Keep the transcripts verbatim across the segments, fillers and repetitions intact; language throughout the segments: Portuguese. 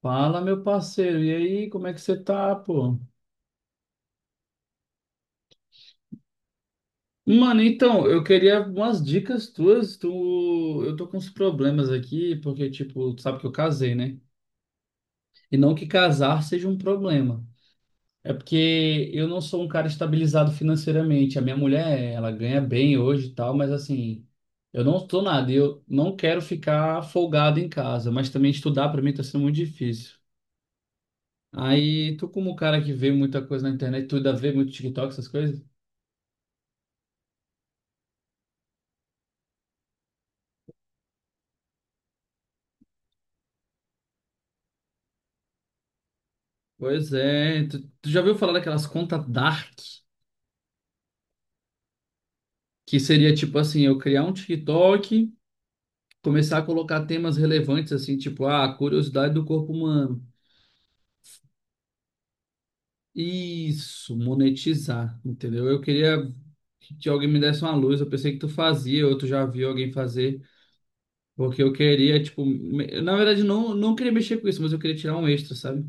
Fala, meu parceiro, e aí, como é que você tá, pô? Mano, então, eu queria umas dicas tuas, tu... eu tô com uns problemas aqui, porque, tipo, tu sabe que eu casei, né? E não que casar seja um problema, é porque eu não sou um cara estabilizado financeiramente, a minha mulher, ela ganha bem hoje e tal, mas assim, eu não tô nada, e eu não quero ficar folgado em casa, mas também estudar pra mim tá sendo muito difícil. Aí, tu como cara que vê muita coisa na internet, tu ainda vê muito TikTok, essas coisas? Pois é, tu, tu já ouviu falar daquelas contas dark? Que seria tipo assim, eu criar um TikTok, começar a colocar temas relevantes assim, tipo, ah, curiosidade do corpo humano. Isso, monetizar, entendeu? Eu queria que alguém me desse uma luz, eu pensei que tu fazia, ou tu já viu alguém fazer, porque eu queria, tipo, me- na verdade não, não queria mexer com isso, mas eu queria tirar um extra, sabe?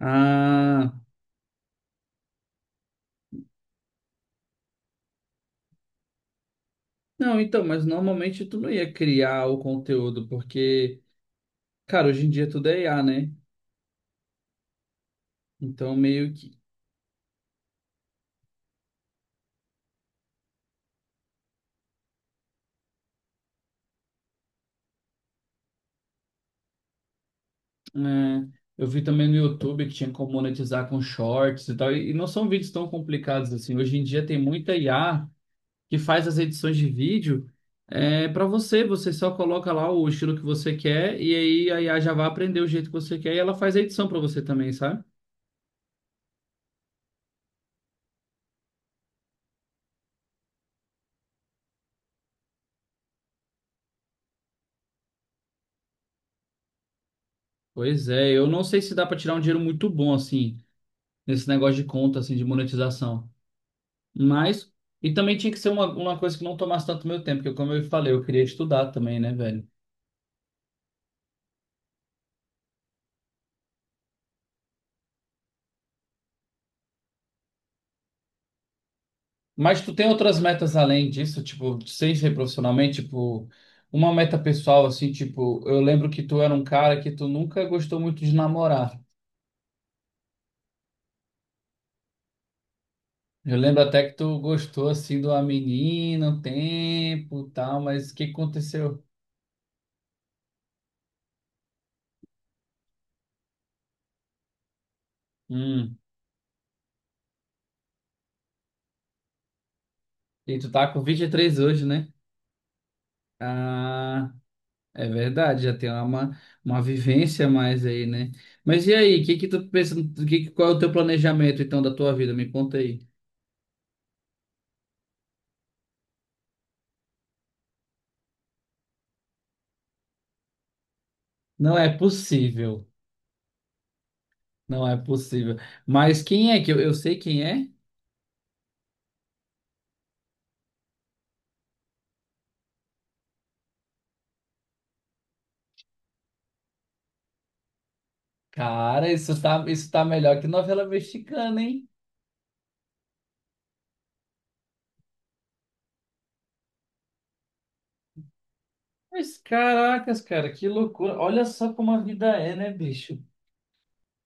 Ah, não, então, mas normalmente tu não ia criar o conteúdo, porque, cara, hoje em dia tudo é I A, né? Então, meio que. Né, eu vi também no YouTube que tinha como monetizar com shorts e tal. E, e não são vídeos tão complicados assim. Hoje em dia tem muita I A que faz as edições de vídeo é, para você. Você só coloca lá o estilo que você quer e aí a I A já vai aprender o jeito que você quer e ela faz a edição para você também, sabe? Pois é, eu não sei se dá para tirar um dinheiro muito bom assim, nesse negócio de conta, assim, de monetização. Mas. E também tinha que ser uma, uma coisa que não tomasse tanto meu tempo, porque como eu falei, eu queria estudar também, né, velho? Mas tu tem outras metas além disso, tipo, sem ser profissionalmente, tipo, uma meta pessoal, assim, tipo, eu lembro que tu era um cara que tu nunca gostou muito de namorar. Eu lembro até que tu gostou, assim, de uma menina, um tempo, e tal, mas o que aconteceu? Hum, e tu tá com vinte e três hoje, né? Ah, é verdade, já tem uma, uma vivência a mais aí, né? Mas e aí, o que que tu pensa, que, que- qual é o teu planejamento, então, da tua vida? Me conta aí. Não é possível. Não é possível. Mas quem é que eu, eu sei quem é? Cara, isso tá, isso tá melhor que novela mexicana, hein? Mas caracas, cara, que loucura. Olha só como a vida é, né, bicho?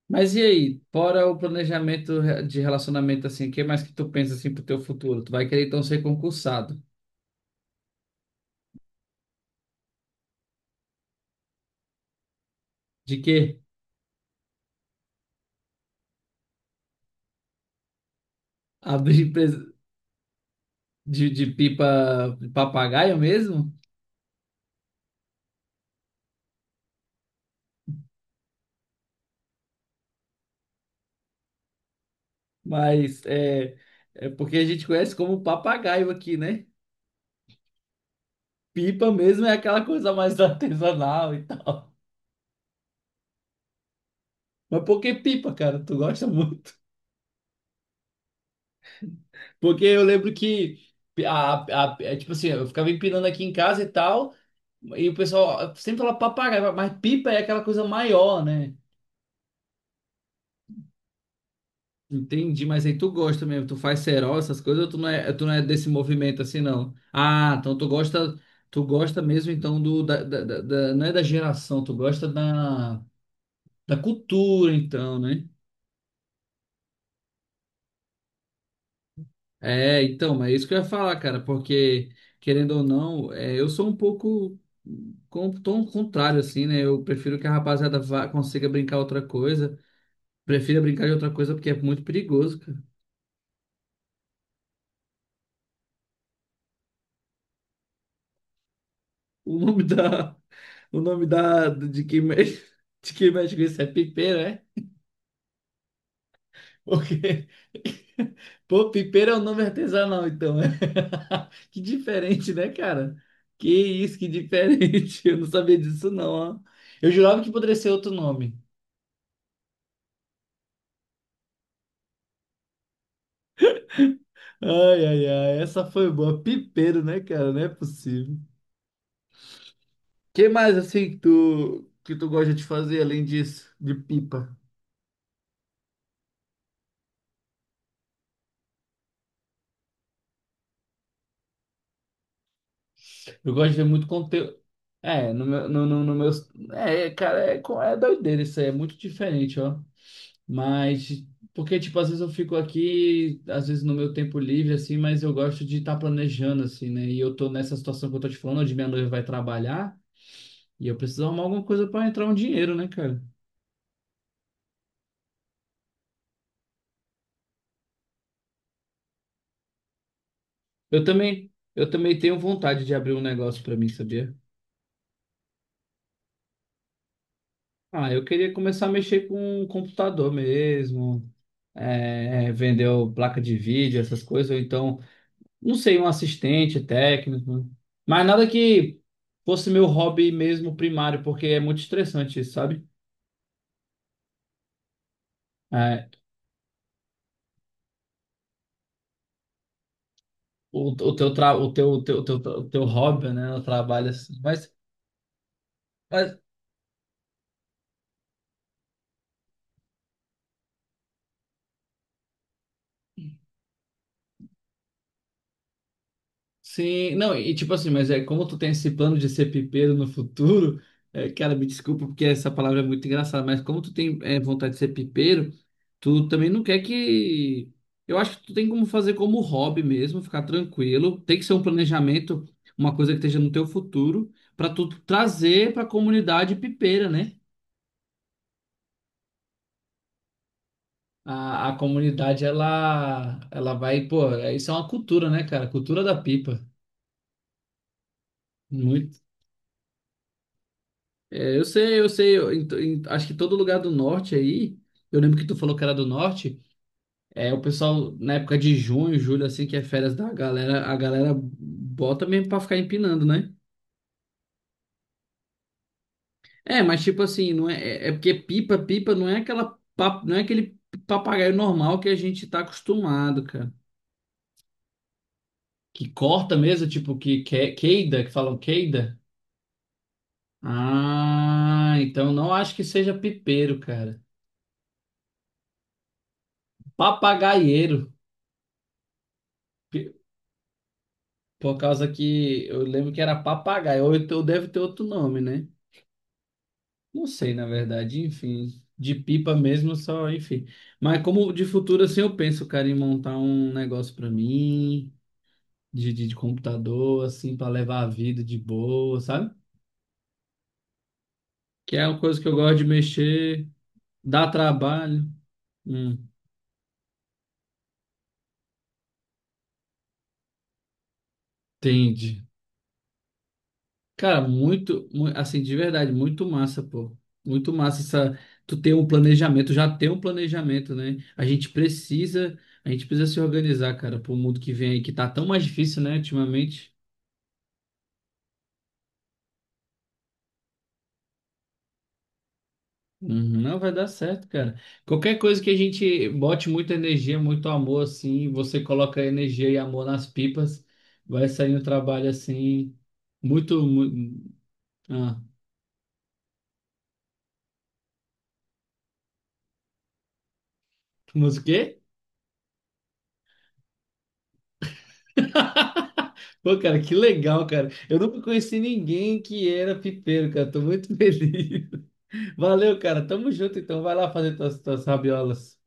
Mas e aí, fora o planejamento re- de relacionamento assim, o que mais que tu pensa assim pro teu futuro? Tu vai querer então ser concursado. De quê? Abrir empresa de, de pipa de papagaio mesmo? Mas é, é porque a gente conhece como papagaio aqui, né? Pipa mesmo é aquela coisa mais artesanal e mas por que pipa, cara? Tu gosta muito? Porque eu lembro que, a, a, é tipo assim, eu ficava empinando aqui em casa e tal, e o pessoal sempre fala papagaio, mas pipa é aquela coisa maior, né? Entendi, mas aí tu gosta mesmo, tu faz cerol, essas coisas, ou tu não é, tu não é desse movimento assim, não? Ah, então tu gosta, tu gosta mesmo então do, da, da, da- da- não é da geração, tu gosta da, da cultura então, né? É, então, mas é isso que eu ia falar, cara, porque, querendo ou não, é, eu sou um pouco com tom contrário, assim, né? Eu prefiro que a rapaziada vá, consiga brincar outra coisa. Prefiro brincar de outra coisa porque é muito perigoso, cara. O nome da. O nome da. De quem mexe, de quem mexe com isso é pipeiro. Porque. Pô, pipeiro é um nome artesanal, então. Né? Que diferente, né, cara? Que isso, que diferente. Eu não sabia disso, não, ó. Eu jurava que poderia ser outro nome. Ai, ai, ai. Essa foi boa. Pipeiro, né, cara? Não é possível. Que mais, assim, que tu, que tu gosta de fazer além disso? De pipa? Eu gosto de ver muito conteúdo. É, no meu, no, no, no meus... É, cara, é, co- é doideira isso aí. É muito diferente, ó. Mas porque tipo às vezes eu fico aqui, às vezes no meu tempo livre assim, mas eu gosto de estar planejando assim, né? E eu tô nessa situação que eu tô te falando, onde minha noiva vai trabalhar e eu preciso arrumar alguma coisa para entrar um dinheiro, né, cara? Eu também, eu também tenho vontade de abrir um negócio para mim, sabia? Ah, eu queria começar a mexer com um computador mesmo, é, é, vender o- placa de vídeo, essas coisas, ou então não sei, um assistente técnico, mas nada que fosse meu hobby mesmo primário, porque é muito estressante isso, sabe? É, o, o teu tra, o teu, o teu, o teu, o teu hobby, né? O trabalho assim. Mas, mas sim, não, e tipo assim, mas é como tu tem esse plano de ser pipeiro no futuro, é, cara, me desculpa porque essa palavra é muito engraçada, mas como tu tem é, vontade de ser pipeiro, tu também não quer que. Eu acho que tu tem como fazer como hobby mesmo, ficar tranquilo. Tem que ser um planejamento, uma coisa que esteja no teu futuro, pra tu trazer pra comunidade pipeira, né? A, a comunidade, ela, ela vai, pô, isso é uma cultura, né, cara? Cultura da pipa. Muito. É, eu sei, eu sei. Eu ent- ent- acho que todo lugar do norte aí, eu lembro que tu falou que era do norte, é o pessoal na época de junho, julho, assim, que é férias da galera, a galera bota mesmo pra ficar empinando, né? É, mas tipo assim, não é, é é porque pipa, pipa não é aquela, pa- não é aquele papagaio normal que a gente tá acostumado, cara. Que corta mesmo, tipo que, que queida, que falam queida. Ah, então não acho que seja pipeiro, cara. Papagaieiro. Por causa que eu lembro que era papagaio, ou então deve ter outro nome, né? Não sei, na verdade, enfim. De pipa mesmo, só, enfim. Mas como de futuro, assim, eu penso, cara, em montar um negócio pra mim, de, de, de computador, assim, pra levar a vida de boa, sabe? Que é uma coisa que eu gosto de mexer, dá trabalho. Hum, entendi. Cara, muito, mu- assim, de verdade, muito massa, pô. Muito massa essa, tu ter um planejamento, já ter um planejamento, né? A gente precisa, a gente precisa se organizar, cara, pro mundo que vem aí, que tá tão mais difícil, né, ultimamente. Uhum, não vai dar certo, cara. Qualquer coisa que a gente bote muita energia, muito amor, assim, você coloca energia e amor nas pipas, vai sair um trabalho, assim, muito, mu- ah, mas o quê? Pô, cara, que legal, cara. Eu nunca conheci ninguém que era pipeiro, cara. Tô muito feliz. Valeu, cara. Tamo junto, então. Vai lá fazer tuas, tuas rabiolas.